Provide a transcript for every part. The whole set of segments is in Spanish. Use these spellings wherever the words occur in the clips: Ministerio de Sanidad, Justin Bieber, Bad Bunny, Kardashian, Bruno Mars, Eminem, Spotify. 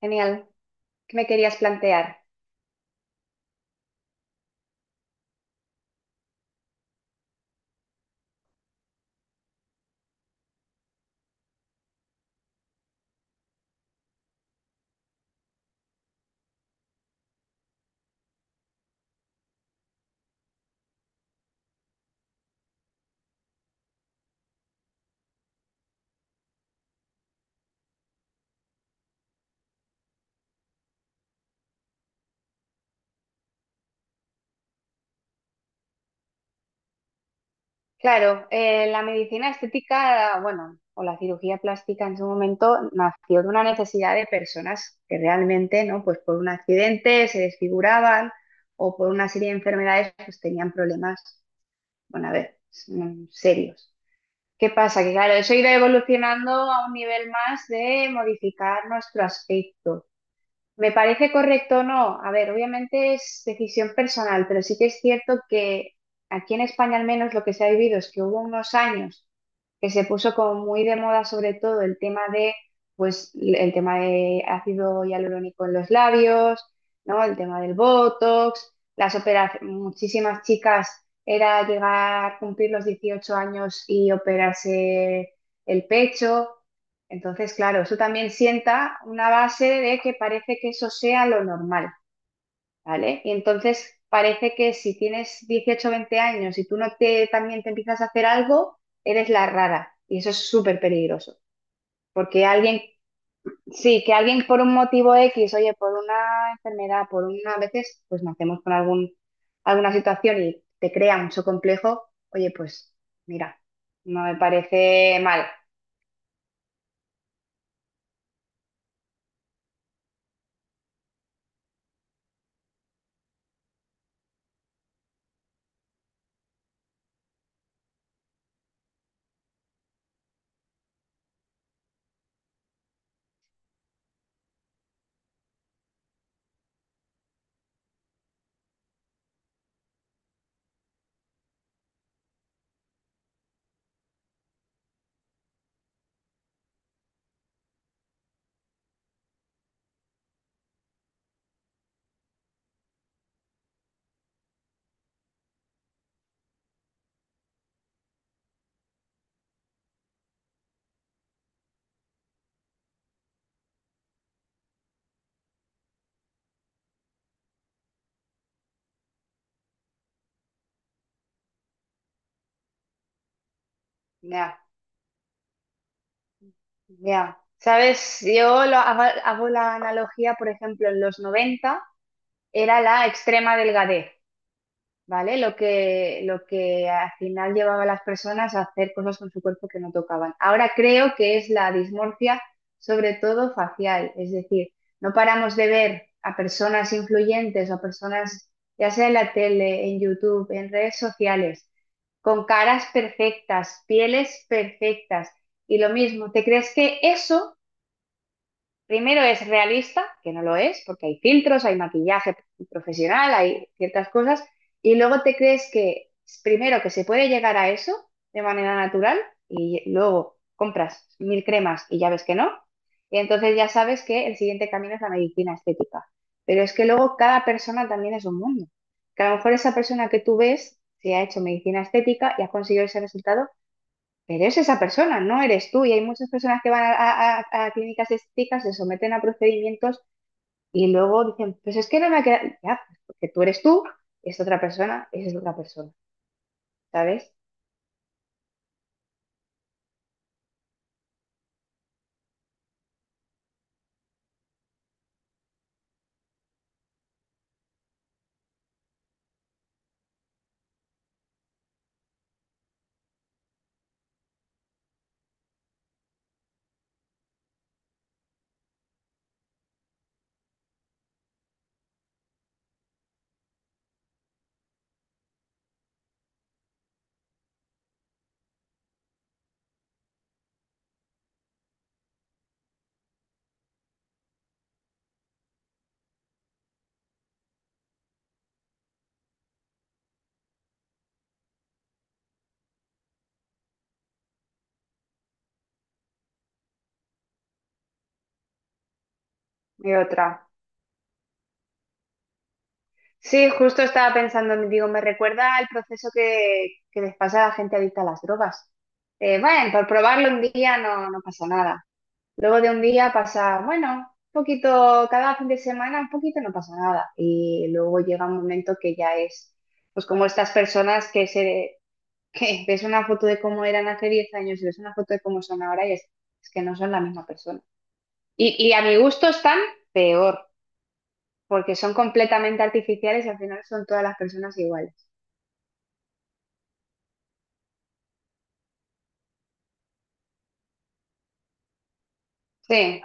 Genial. ¿Qué me querías plantear? Claro, la medicina estética, bueno, o la cirugía plástica en su momento nació de una necesidad de personas que realmente, ¿no? Pues por un accidente se desfiguraban o por una serie de enfermedades, pues tenían problemas, bueno, a ver, serios. ¿Qué pasa? Que claro, eso irá evolucionando a un nivel más de modificar nuestro aspecto. ¿Me parece correcto o no? A ver, obviamente es decisión personal, pero sí que es cierto que aquí en España al menos lo que se ha vivido es que hubo unos años que se puso como muy de moda sobre todo el tema de, pues, el tema de ácido hialurónico en los labios, ¿no? El tema del Botox, las operaciones, muchísimas chicas era llegar a cumplir los 18 años y operarse el pecho. Entonces, claro, eso también sienta una base de que parece que eso sea lo normal. ¿Vale? Y entonces parece que si tienes 18 o 20 años y tú no te también te empiezas a hacer algo, eres la rara. Y eso es súper peligroso. Porque alguien, sí, que alguien por un motivo X, oye, por una enfermedad, por una, a veces, pues nacemos con algún, alguna situación y te crea mucho complejo, oye, pues mira, no me parece mal. Ya, ya. ¿Sabes? Hago la analogía, por ejemplo, en los 90 era la extrema delgadez. ¿Vale? Lo que al final llevaba a las personas a hacer cosas con su cuerpo que no tocaban. Ahora creo que es la dismorfia, sobre todo facial, es decir, no paramos de ver a personas influyentes o a personas, ya sea en la tele, en YouTube, en redes sociales, con caras perfectas, pieles perfectas. Y lo mismo, ¿te crees que eso primero es realista? Que no lo es, porque hay filtros, hay maquillaje profesional, hay ciertas cosas, y luego te crees que primero que se puede llegar a eso de manera natural y luego compras mil cremas y ya ves que no, y entonces ya sabes que el siguiente camino es la medicina estética. Pero es que luego cada persona también es un mundo, que a lo mejor esa persona que tú ves se ha hecho medicina estética y ha conseguido ese resultado, pero es esa persona, no eres tú. Y hay muchas personas que van a, a clínicas estéticas, se someten a procedimientos y luego dicen, pues es que no me ha quedado. Ya, pues porque tú eres tú, es otra persona, ¿sabes? Y otra. Sí, justo estaba pensando, digo, me recuerda al proceso que les pasa a la gente adicta a las drogas. Bueno, por probarlo un día no, no pasa nada. Luego de un día pasa, bueno, un poquito, cada fin de semana un poquito no pasa nada. Y luego llega un momento que ya es, pues como estas personas que ves una foto de cómo eran hace 10 años y ves una foto de cómo son ahora y es que no son la misma persona. Y a mi gusto están peor, porque son completamente artificiales y al final son todas las personas iguales. Sí,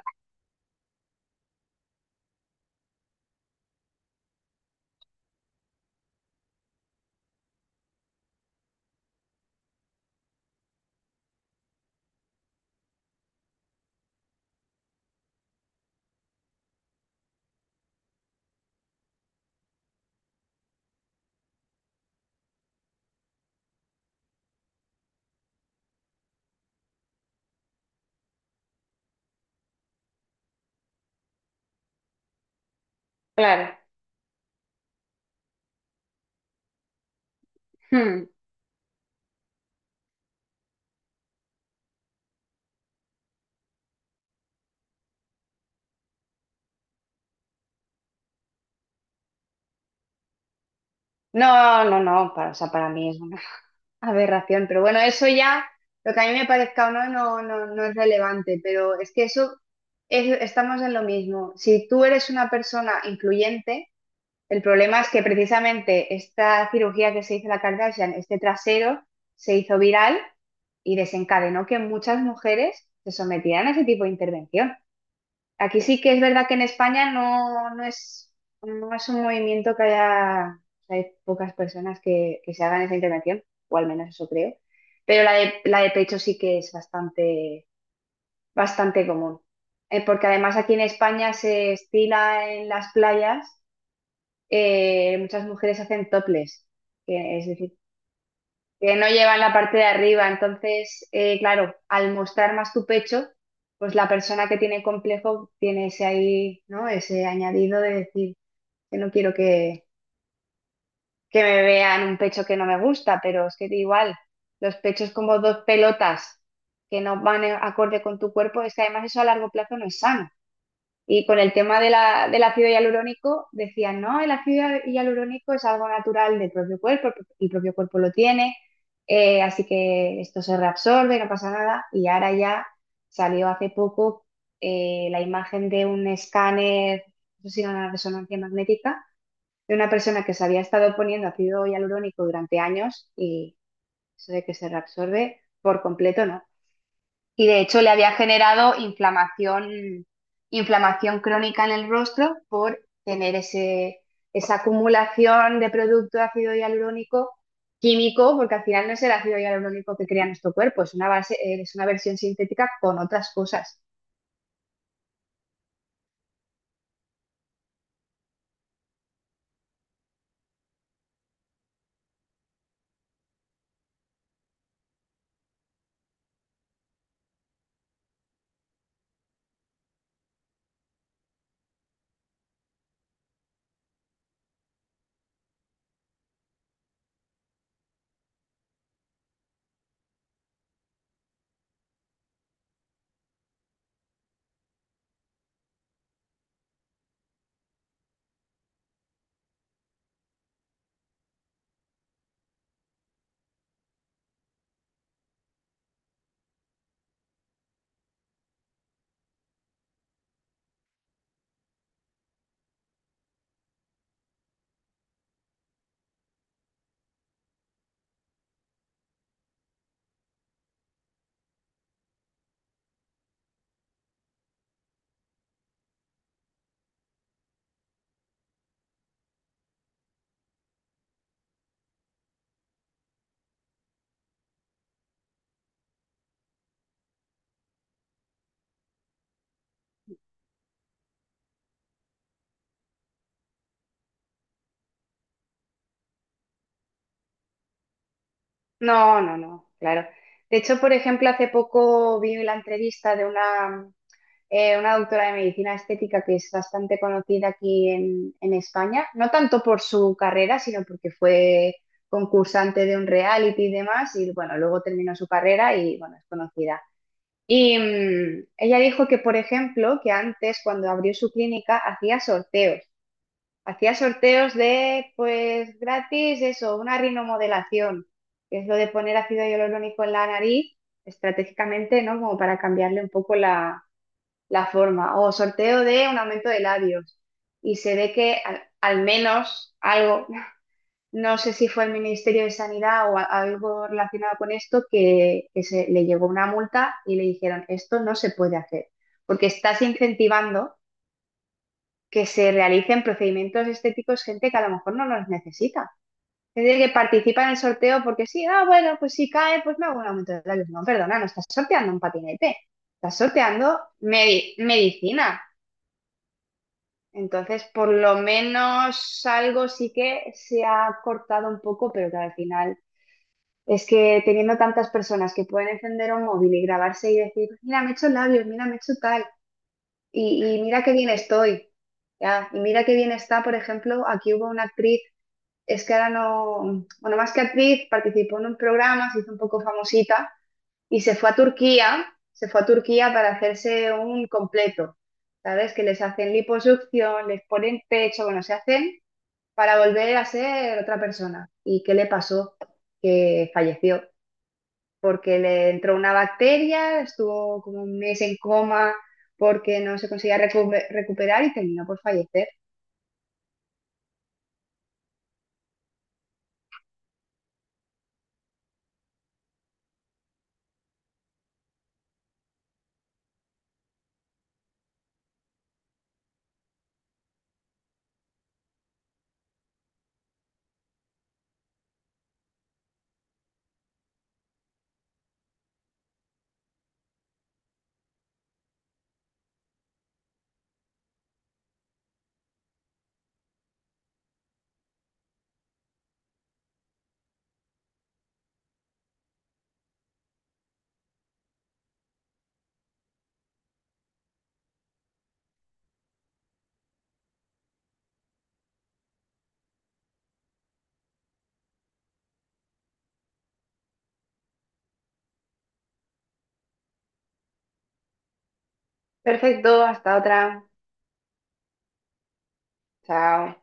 claro. Hmm. No, no, no, para, o sea, para mí es aberración, pero bueno, eso ya, lo que a mí me parezca o no, no, no, no es relevante, pero es que eso, estamos en lo mismo. Si tú eres una persona influyente, el problema es que precisamente esta cirugía que se hizo la Kardashian, este trasero, se hizo viral y desencadenó que muchas mujeres se sometieran a ese tipo de intervención. Aquí sí que es verdad que en España no, no es, no es un movimiento que haya, hay pocas personas que se hagan esa intervención, o al menos eso creo. Pero la de pecho sí que es bastante, bastante común. Porque además aquí en España se estila en las playas, muchas mujeres hacen toples, que es decir que no llevan la parte de arriba. Entonces, claro, al mostrar más tu pecho, pues la persona que tiene complejo tiene ese ahí, ¿no? Ese añadido de decir, que no quiero que me vean un pecho que no me gusta, pero es que igual, los pechos como dos pelotas que no van acorde con tu cuerpo, es que además eso a largo plazo no es sano. Y con el tema de del ácido hialurónico, decían, no, el ácido hialurónico es algo natural del propio cuerpo, el propio cuerpo lo tiene, así que esto se reabsorbe, no pasa nada. Y ahora ya salió hace poco la imagen de un escáner, no sé si era una resonancia magnética, de una persona que se había estado poniendo ácido hialurónico durante años y eso de que se reabsorbe por completo, ¿no? Y de hecho le había generado inflamación, inflamación crónica en el rostro por tener ese, esa acumulación de producto de ácido hialurónico químico, porque al final no es el ácido hialurónico que crea nuestro cuerpo, es una base, es una versión sintética con otras cosas. No, no, no, claro. De hecho, por ejemplo, hace poco vi la entrevista de una doctora de medicina estética que es bastante conocida aquí en España, no tanto por su carrera, sino porque fue concursante de un reality y demás, y bueno, luego terminó su carrera y bueno, es conocida. Y ella dijo que, por ejemplo, que antes cuando abrió su clínica hacía sorteos de, pues gratis, eso, una rinomodelación, que es lo de poner ácido hialurónico en la nariz estratégicamente, ¿no? Como para cambiarle un poco la forma, o sorteo de un aumento de labios. Y se ve que al menos algo, no sé si fue el Ministerio de Sanidad o algo relacionado con esto, que se, le llegó una multa y le dijeron, esto no se puede hacer, porque estás incentivando que se realicen procedimientos estéticos gente que a lo mejor no los necesita. Es decir, que participa en el sorteo porque sí, ah, bueno, pues si cae, pues me hago un aumento de labios. No, perdona, no estás sorteando un patinete, estás sorteando medicina. Entonces, por lo menos algo sí que se ha cortado un poco, pero que al final es que teniendo tantas personas que pueden encender un móvil y grabarse y decir, mira, me he hecho labios, mira, me he hecho tal, y mira qué bien estoy, ya, y mira qué bien está, por ejemplo, aquí hubo una actriz, es que ahora no, bueno, más que actriz, participó en un programa, se hizo un poco famosita, y se fue a Turquía, se fue a Turquía para hacerse un completo, ¿sabes? Que les hacen liposucción, les ponen pecho, bueno, se hacen para volver a ser otra persona. ¿Y qué le pasó? Que falleció porque le entró una bacteria, estuvo como un mes en coma porque no se conseguía recuperar y terminó por fallecer. Perfecto, hasta otra. Chao.